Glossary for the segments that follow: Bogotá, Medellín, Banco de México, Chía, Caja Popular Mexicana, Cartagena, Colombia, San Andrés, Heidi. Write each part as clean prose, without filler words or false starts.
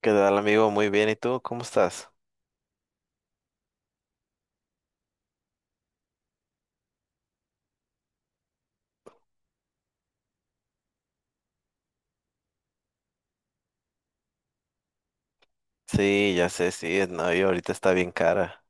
¿Qué tal, amigo? Muy bien. ¿Y tú? ¿Cómo estás? Sí, ya sé, sí. No, y ahorita está bien cara.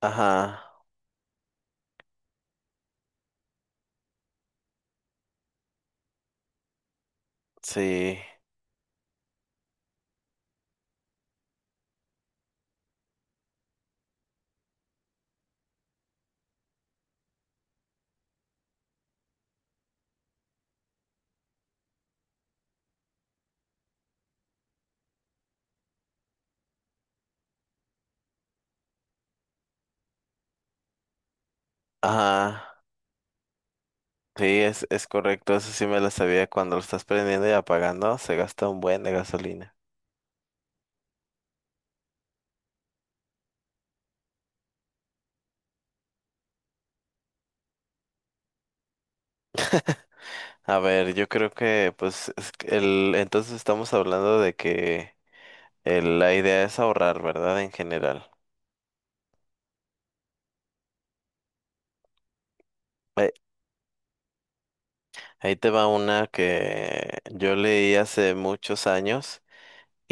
Ajá, sí. Ajá. Sí, es correcto. Eso sí me lo sabía. Cuando lo estás prendiendo y apagando, se gasta un buen de gasolina. A ver, yo creo que, pues, es que entonces estamos hablando de que la idea es ahorrar, ¿verdad? En general. Ahí ahí te va una que yo leí hace muchos años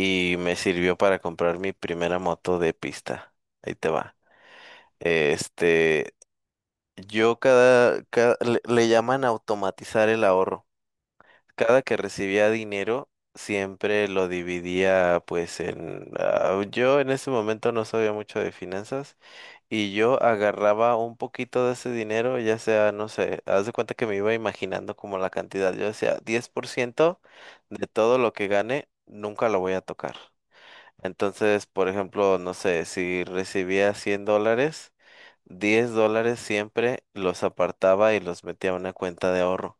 y me sirvió para comprar mi primera moto de pista. Ahí te va. Este, yo le llaman automatizar el ahorro. Cada que recibía dinero, siempre lo dividía pues en... Ah, yo en ese momento no sabía mucho de finanzas y yo agarraba un poquito de ese dinero, ya sea, no sé, haz de cuenta que me iba imaginando como la cantidad. Yo decía, 10% de todo lo que gane, nunca lo voy a tocar. Entonces, por ejemplo, no sé, si recibía $100, $10 siempre los apartaba y los metía a una cuenta de ahorro.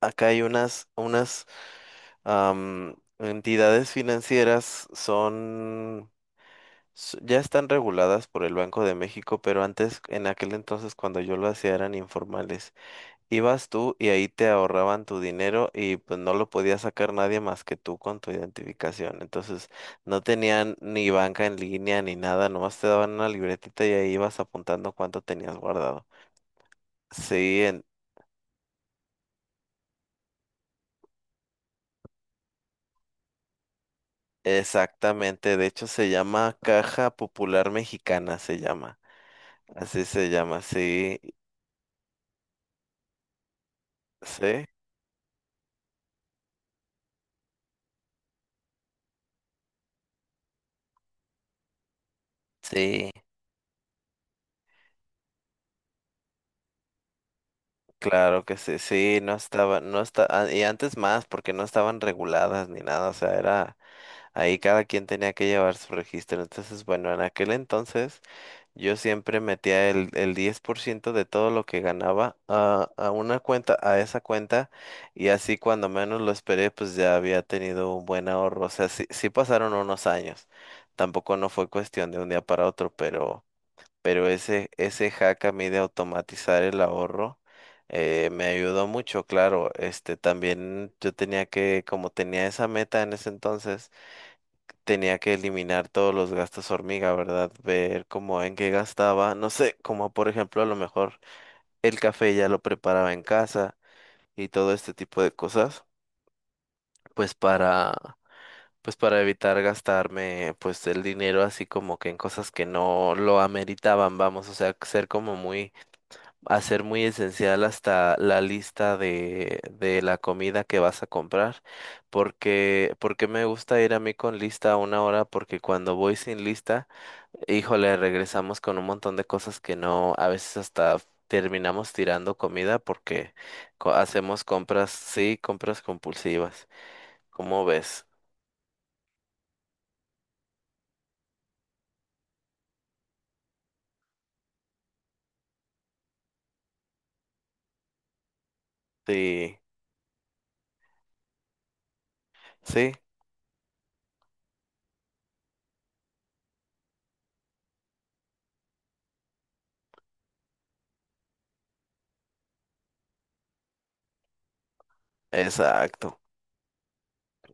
Acá hay unas entidades financieras, ya están reguladas por el Banco de México, pero antes, en aquel entonces, cuando yo lo hacía, eran informales. Ibas tú y ahí te ahorraban tu dinero y pues no lo podía sacar nadie más que tú con tu identificación. Entonces no tenían ni banca en línea ni nada, nomás te daban una libretita y ahí ibas apuntando cuánto tenías guardado. Sí, en- Exactamente. De hecho se llama Caja Popular Mexicana, se llama. Así se llama, sí, sí. Sí, claro que sí, sí, no está, ah, y antes más, porque no estaban reguladas ni nada, o sea, era. Ahí cada quien tenía que llevar su registro. Entonces, bueno, en aquel entonces yo siempre metía el 10% de todo lo que ganaba a una cuenta, a esa cuenta, y así cuando menos lo esperé, pues ya había tenido un buen ahorro. O sea, sí, sí pasaron unos años. Tampoco no fue cuestión de un día para otro, pero ese hack a mí de automatizar el ahorro me ayudó mucho, claro. Este también yo tenía que, como tenía esa meta en ese entonces, tenía que eliminar todos los gastos hormiga, ¿verdad? Ver cómo en qué gastaba, no sé, como por ejemplo a lo mejor el café ya lo preparaba en casa y todo este tipo de cosas, pues para, pues para evitar gastarme pues el dinero así como que en cosas que no lo ameritaban, vamos, o sea, ser como muy, hacer muy esencial hasta la lista de la comida que vas a comprar, porque porque me gusta ir a mí con lista a una hora, porque cuando voy sin lista, híjole, regresamos con un montón de cosas que no, a veces hasta terminamos tirando comida porque hacemos compras, sí, compras compulsivas. ¿Cómo ves? Sí, sí, exacto.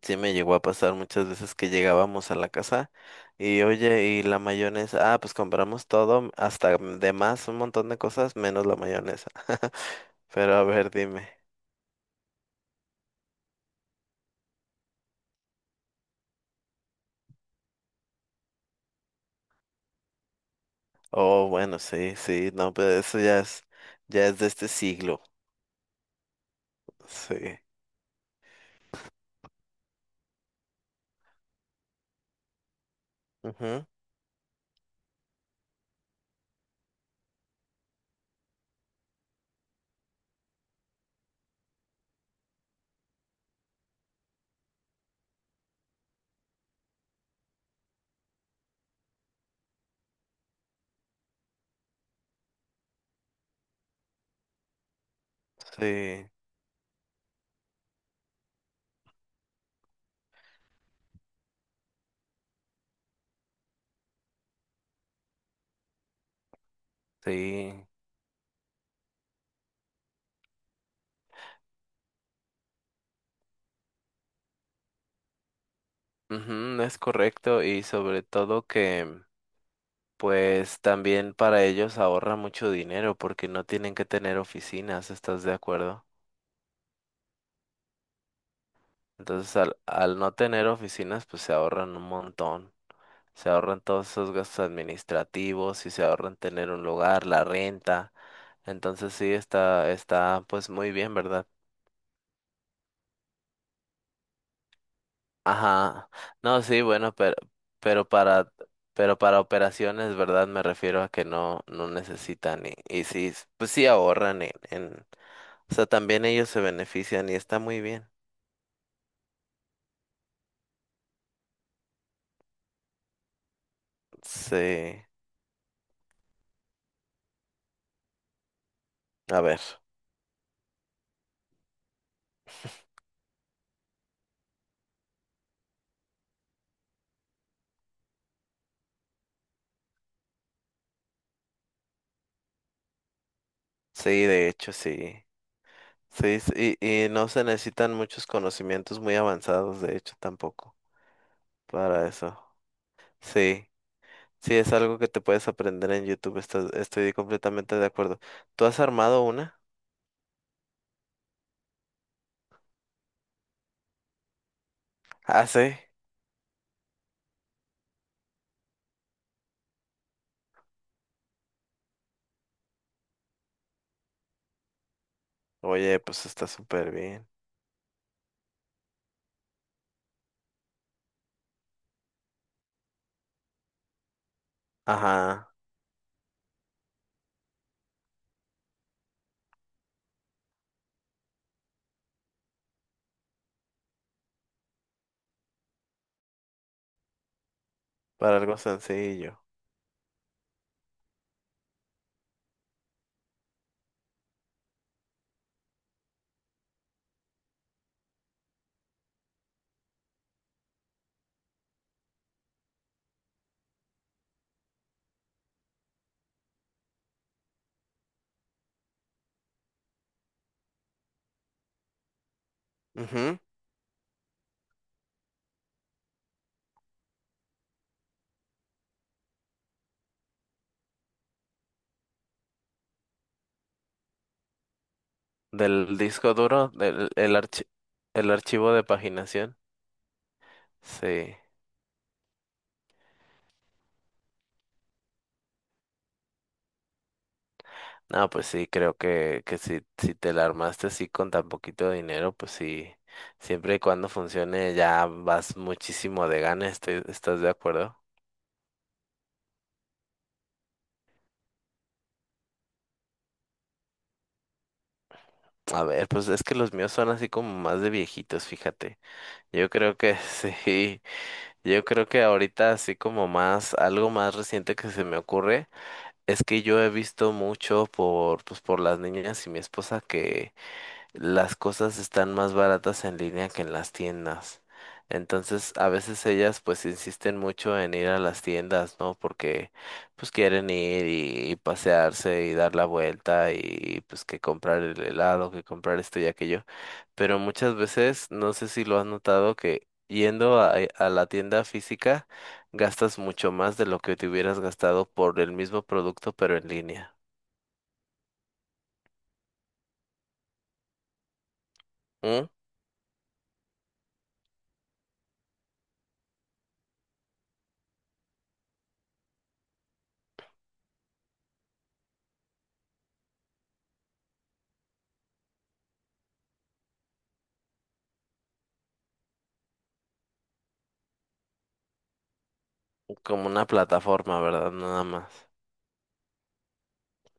Sí me llegó a pasar muchas veces que llegábamos a la casa y oye, y la mayonesa, ah, pues compramos todo, hasta de más, un montón de cosas, menos la mayonesa. Pero a ver, dime. Oh, bueno, sí, sí, no, pero eso ya es de este siglo. Sí. Ujú, sí, sí, ujú, es correcto y sobre todo que pues también para ellos ahorra mucho dinero porque no tienen que tener oficinas, ¿estás de acuerdo? Entonces al no tener oficinas pues se ahorran un montón, se ahorran todos esos gastos administrativos y se ahorran tener un lugar, la renta, entonces sí está, está pues muy bien, ¿verdad? Ajá. No, sí, bueno, pero, pero para, pero para operaciones, ¿verdad? Me refiero a que no, no necesitan y sí, pues sí ahorran en, o sea, también ellos se benefician y está muy bien. Sí, a ver, sí, de hecho, sí. Sí, sí, y no se necesitan muchos conocimientos muy avanzados, de hecho, tampoco para eso. Sí, sí, es algo que te puedes aprender en YouTube, estás- estoy completamente de acuerdo. ¿Tú has armado una? Ah, sí. Oye, pues está súper bien. Ajá, para algo sencillo. Ujú, del disco duro, el archivo de paginación. Sí. No, pues sí, creo que si, si te la armaste así con tan poquito dinero, pues sí, siempre y cuando funcione ya vas muchísimo de gana, estoy- ¿estás de acuerdo? A ver, pues es que los míos son así como más de viejitos, fíjate. Yo creo que sí, yo creo que ahorita así como más, algo más reciente que se me ocurre. Es que yo he visto mucho por, pues, por las niñas y mi esposa que, las cosas están más baratas en línea que en las tiendas. Entonces, a veces ellas pues insisten mucho en ir a las tiendas, ¿no? Porque pues quieren ir y pasearse y dar la vuelta y pues que comprar el helado, que comprar esto y aquello. Pero muchas veces, no sé si lo has notado, que yendo a la tienda física gastas mucho más de lo que te hubieras gastado por el mismo producto, pero en línea. ¿Mm? Como una plataforma, ¿verdad? Nada más.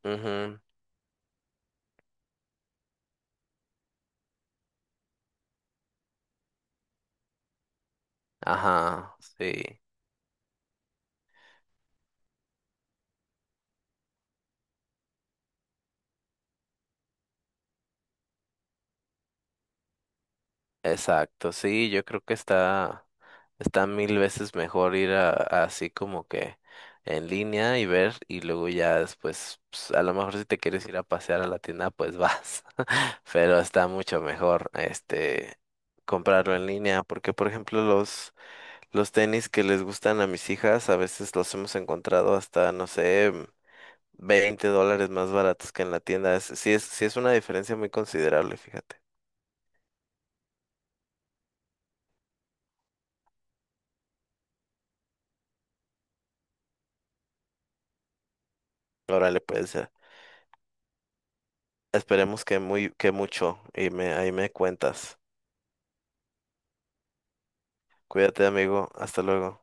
Ujú. Ajá, sí, exacto, sí, yo creo que está, está mil veces mejor ir a así como que en línea y ver y luego ya después, pues, a lo mejor si te quieres ir a pasear a la tienda, pues vas, pero está mucho mejor, este, comprarlo en línea, porque por ejemplo los tenis que les gustan a mis hijas, a veces los hemos encontrado hasta, no sé, $20 más baratos que en la tienda, es, sí es, sí es una diferencia muy considerable, fíjate. Órale, pues, esperemos que muy, que mucho y me, ahí me cuentas. Cuídate, amigo. Hasta luego.